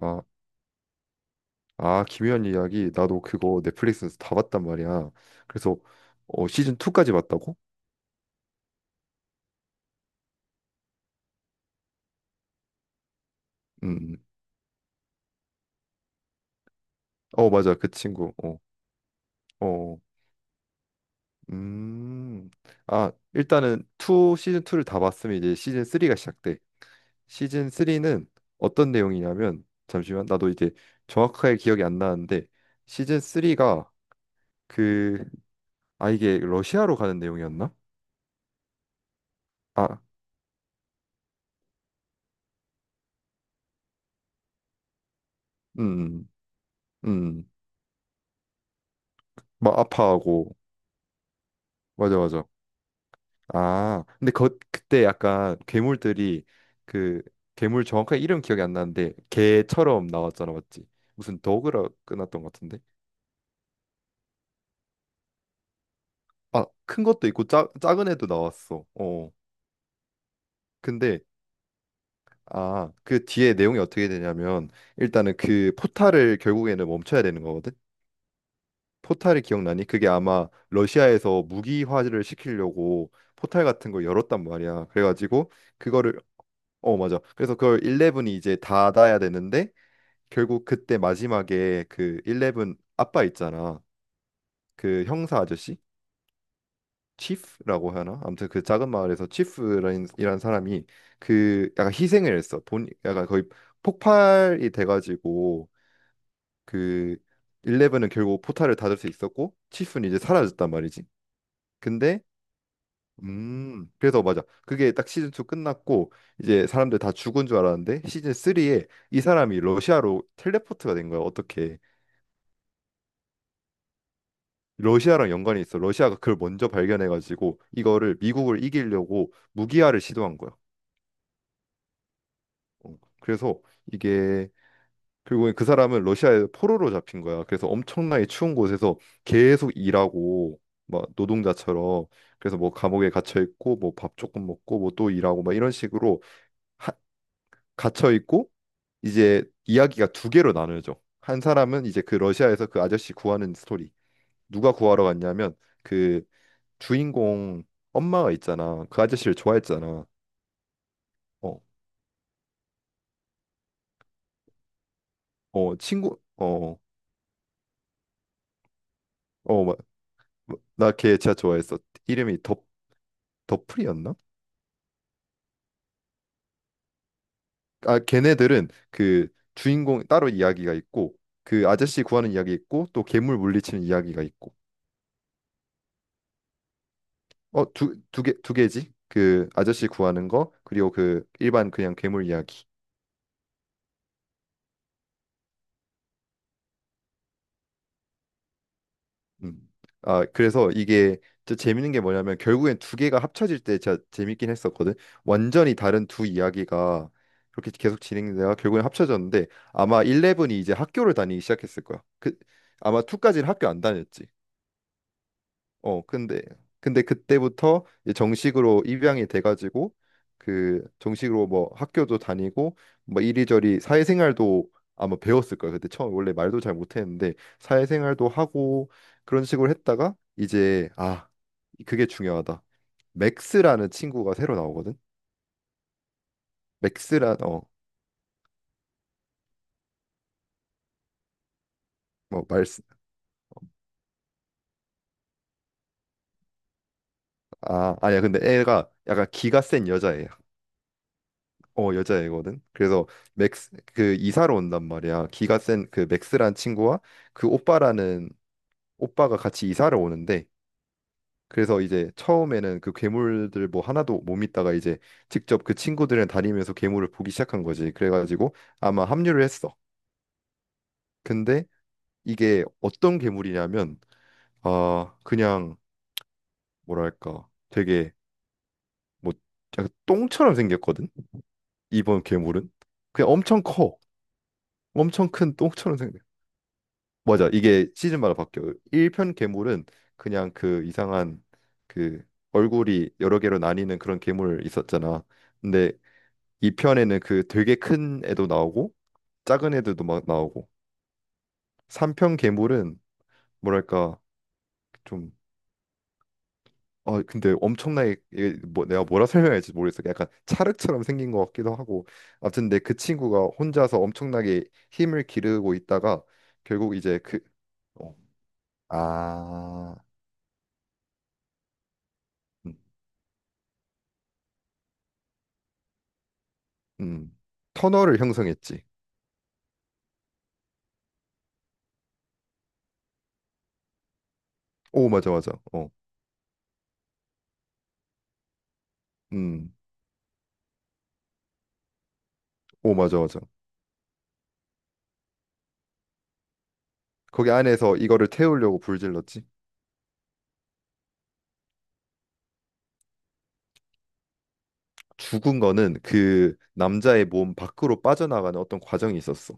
아, 김연한 이야기. 나도 그거 넷플릭스에서 다 봤단 말이야. 그래서 시즌 2까지 봤다고? 음. 음. 어, 맞아. 그 친구. 어. 어. 음. 아, 일단은 2 시즌 2를 다 봤으면 이제 시즌 3가 시작돼. 시즌 3는 어떤 내용이냐면 잠시만. 나도 이제 정확하게 기억이 안 나는데 시즌 3가 그 이게 러시아로 가는 내용이었나? 아. 음. 음. 음. 막 아파하고 맞아, 맞아. 아, 근데 그때 약간 괴물들이 그 괴물 정확한 이름 기억이 안 나는데 개처럼 나왔잖아, 맞지? 무슨 더그라 끝났던 것 같은데? 아, 큰 것도 있고 작은 애도 나왔어. 어. 근데 아, 그 뒤에 내용이 어떻게 되냐면 일단은 그 포탈을 결국에는 멈춰야 되는 거거든. 포탈이 기억나니? 그게 아마 러시아에서 무기화를 시키려고 포탈 같은 걸 열었단 말이야. 그래가지고 그거를 맞아. 그래서 그걸 11이 이제 닫아야 되는데 결국 그때 마지막에 그 일레븐 아빠 있잖아. 그 형사 아저씨? 치프라고 하나? 아무튼 그 작은 마을에서 치프라는 이란 사람이 그 약간 희생을 했어. 본 약간 거의 폭발이 돼가지고 그 일레븐은 결국 포탈을 닫을 수 있었고 치프는 이제 사라졌단 말이지. 근데 그래서 맞아. 그게 딱 시즌 2 끝났고 이제 사람들 다 죽은 줄 알았는데 시즌 3에 이 사람이 러시아로 텔레포트가 된 거야. 어떻게? 러시아랑 연관이 있어. 러시아가 그걸 먼저 발견해가지고 이거를 미국을 이기려고 무기화를 시도한 거야. 어, 그래서 이게 결국에 그 사람은 러시아에 포로로 잡힌 거야. 그래서 엄청나게 추운 곳에서 계속 일하고 막 노동자처럼. 그래서 뭐 감옥에 갇혀 있고 뭐 밥 조금 먹고 뭐 또 일하고 막 이런 식으로 하- 갇혀 있고 이제 이야기가 두 개로 나눠져. 한 사람은 이제 그 러시아에서 그 아저씨 구하는 스토리. 누가 구하러 갔냐면 그 주인공 엄마가 있잖아. 그 아저씨를 좋아했잖아. 어, 친구, 어, 나 걔 진짜 좋아했어. 이름이 더프리였나? 아, 걔네들은 그 주인공 따로 이야기가 있고, 그 아저씨 구하는 이야기 있고, 또 괴물 물리치는 이야기가 있고. 어, 두 개, 두 개지? 그 아저씨 구하는 거, 그리고 그 일반 그냥 괴물 이야기. 음. 아, 그래서 이게 또 재밌는 게 뭐냐면 결국엔 두 개가 합쳐질 때 진짜 재밌긴 했었거든. 완전히 다른 두 이야기가 그렇게 계속 진행되다가 결국엔 합쳐졌는데 아마 11이 이제 학교를 다니기 시작했을 거야. 그 아마 2까지는 학교 안 다녔지. 어, 근데 그때부터 이제 정식으로 입양이 돼가지고 그 정식으로 뭐 학교도 다니고 뭐 이리저리 사회생활도 아마 배웠을 거야. 그때 처음 원래 말도 잘 못했는데 사회생활도 하고 그런 식으로 했다가 이제 그게 중요하다. 맥스라는 친구가 새로 나오거든. 맥스란 어뭐 말스 아, 아니야. 근데 애가 약간 기가 센 여자애야. 어, 여자애거든. 그래서 맥스 그 이사를 온단 말이야. 기가 센 그 맥스란 친구와 그 오빠라는 오빠가 같이 이사를 오는데 그래서 이제 처음에는 그 괴물들 뭐 하나도 못 믿다가 이제 직접 그 친구들이랑 다니면서 괴물을 보기 시작한 거지. 그래가지고 아마 합류를 했어. 근데 이게 어떤 괴물이냐면 아 그냥 뭐랄까 되게 뭐 약간 똥처럼 생겼거든. 이번 괴물은 그냥 엄청 커. 엄청 큰 똥처럼 생겨. 맞아. 이게 시즌마다 바뀌어요. 1편 괴물은 그냥 그 이상한 그 얼굴이 여러 개로 나뉘는 그런 괴물 있었잖아. 근데 2편에는 그 되게 큰 애도 나오고 작은 애들도 막 나오고 3편 괴물은 뭐랄까 좀. 아, 근데 엄청나게 이게 뭐 내가 뭐라 설명할지 모르겠어. 약간 찰흙처럼 생긴 것 같기도 하고. 아무튼 근데 그 친구가 혼자서 엄청나게 힘을 기르고 있다가 결국 이제 그 어, 아. 음. 음. 터널을 형성했지. 오, 맞아, 맞아. 어. 음. 오, 맞아, 맞아. 거기 안에서 이거를 태우려고 불질렀지. 죽은 거는 그 남자의 몸 밖으로 빠져나가는 어떤 과정이 있었어.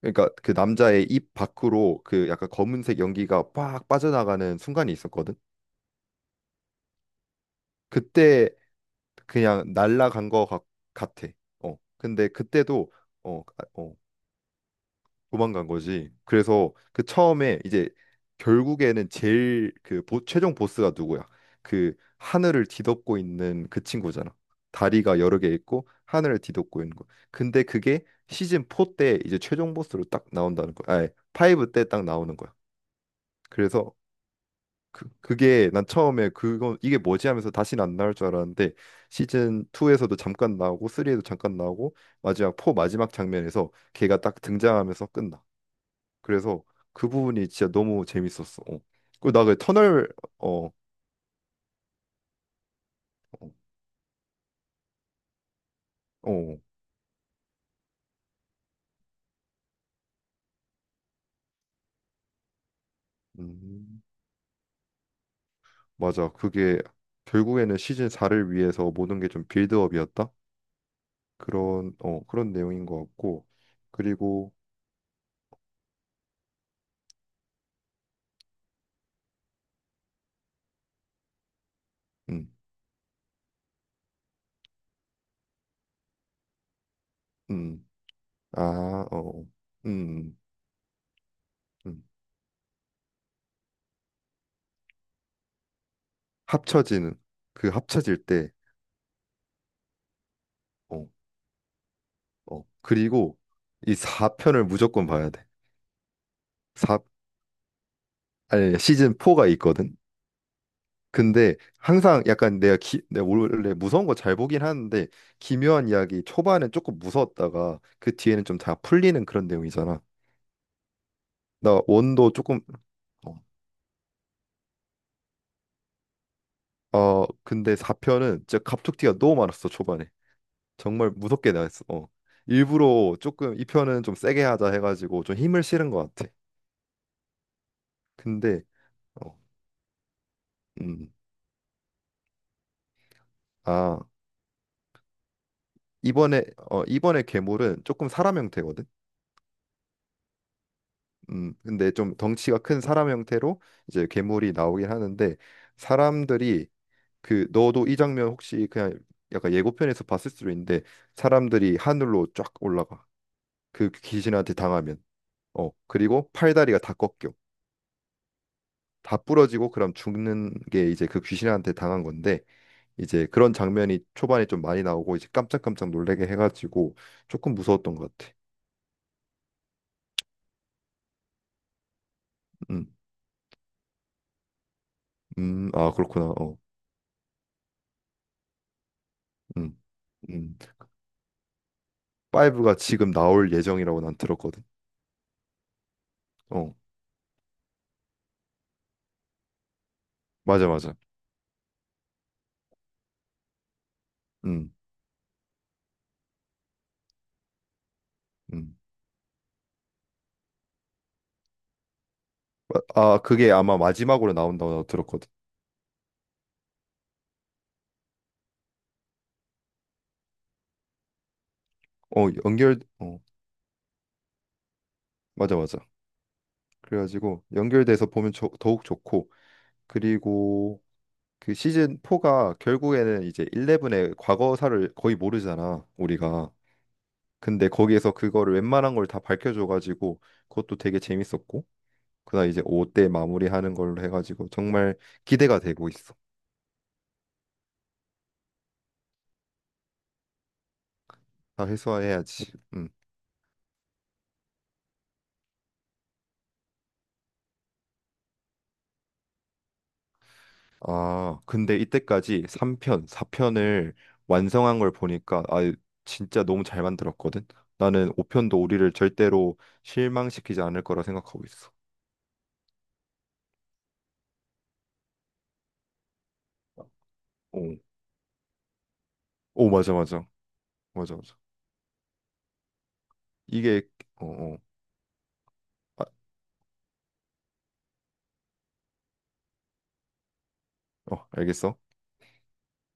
그러니까 그 남자의 입 밖으로 그 약간 검은색 연기가 빡 빠져나가는 순간이 있었거든. 그때 그냥 날라간 거 같아. 어. 근데 그때도 아, 어. 도망간 거지. 그래서 그 처음에 이제 결국에는 제일 그 최종 보스가 누구야? 그 하늘을 뒤덮고 있는 그 친구잖아. 다리가 여러 개 있고 하늘을 뒤덮고 있는 거. 근데 그게 시즌 4 때 이제 최종 보스로 딱 나온다는 거야. 아니, 5 때 딱 나오는 거야. 그래서 그게 난 처음에 그거 이게 뭐지 하면서 다시는 안 나올 줄 알았는데 시즌 2에서도 잠깐 나오고 3에도 잠깐 나오고 마지막 4 마지막 장면에서 걔가 딱 등장하면서 끝나. 그래서 그 부분이 진짜 너무 재밌었어. 어. 그리고 나 그 터널 어, 어, 어. 음, 맞아. 그게 결국에는 시즌 4를 위해서 모든 게 좀 빌드업이었다. 그런 그런 내용인 것 같고. 그리고 음, 음. 아, 어. 어. 음. 음. 음. 합쳐지는 그 합쳐질 때 어, 어. 그리고 이 4편을 무조건 봐야 돼. 4 아니 시즌 4가 있거든. 근데 항상 약간 내가 내가 원래 무서운 거 잘 보긴 하는데 기묘한 이야기 초반엔 조금 무서웠다가 그 뒤에는 좀 다 풀리는 그런 내용이잖아. 나 원도 조금 어, 근데 4편은 진짜 갑툭튀가 너무 많았어 초반에. 정말 무섭게 나왔어. 어. 일부러 조금 이 편은 좀 세게 하자 해가지고 좀 힘을 실은 것 같아. 근데 어, 음, 아 이번에 이번에 괴물은 조금 사람 형태거든. 근데 좀 덩치가 큰 사람 형태로 이제 괴물이 나오긴 하는데 사람들이 그 너도 이 장면 혹시 그냥 약간 예고편에서 봤을 수도 있는데 사람들이 하늘로 쫙 올라가 그 귀신한테 당하면 어 그리고 팔다리가 다 꺾여 다 부러지고 그럼 죽는 게 이제 그 귀신한테 당한 건데 이제 그런 장면이 초반에 좀 많이 나오고 이제 깜짝깜짝 놀래게 해가지고 조금 무서웠던 것 같아. 음, 아 그렇구나. 음, 음. 5가 지금 나올 예정이라고 난 들었거든. 어, 맞아, 맞아. 음, 음. 아, 그게 아마 마지막으로 나온다고 들었거든. 어, 연결, 어, 맞아, 맞아. 그래가지고 연결돼서 보면 더욱 좋고, 그리고 그 시즌 4가 결국에는 이제 11의 과거사를 거의 모르잖아, 우리가. 근데 거기에서 그거를 웬만한 걸 다 밝혀줘가지고 그것도 되게 재밌었고, 그다음 이제 5때 마무리하는 걸로 해가지고 정말 기대가 되고 있어. 다 해소해야지. 음. 아, 근데 이때까지 3편, 4편을 완성한 걸 보니까 아, 진짜 너무 잘 만들었거든. 나는 5편도 우리를 절대로 실망시키지 않을 거라 생각하고 있어. 오, 맞아, 맞아. 이게 어, 어, 아, 어, 알겠어.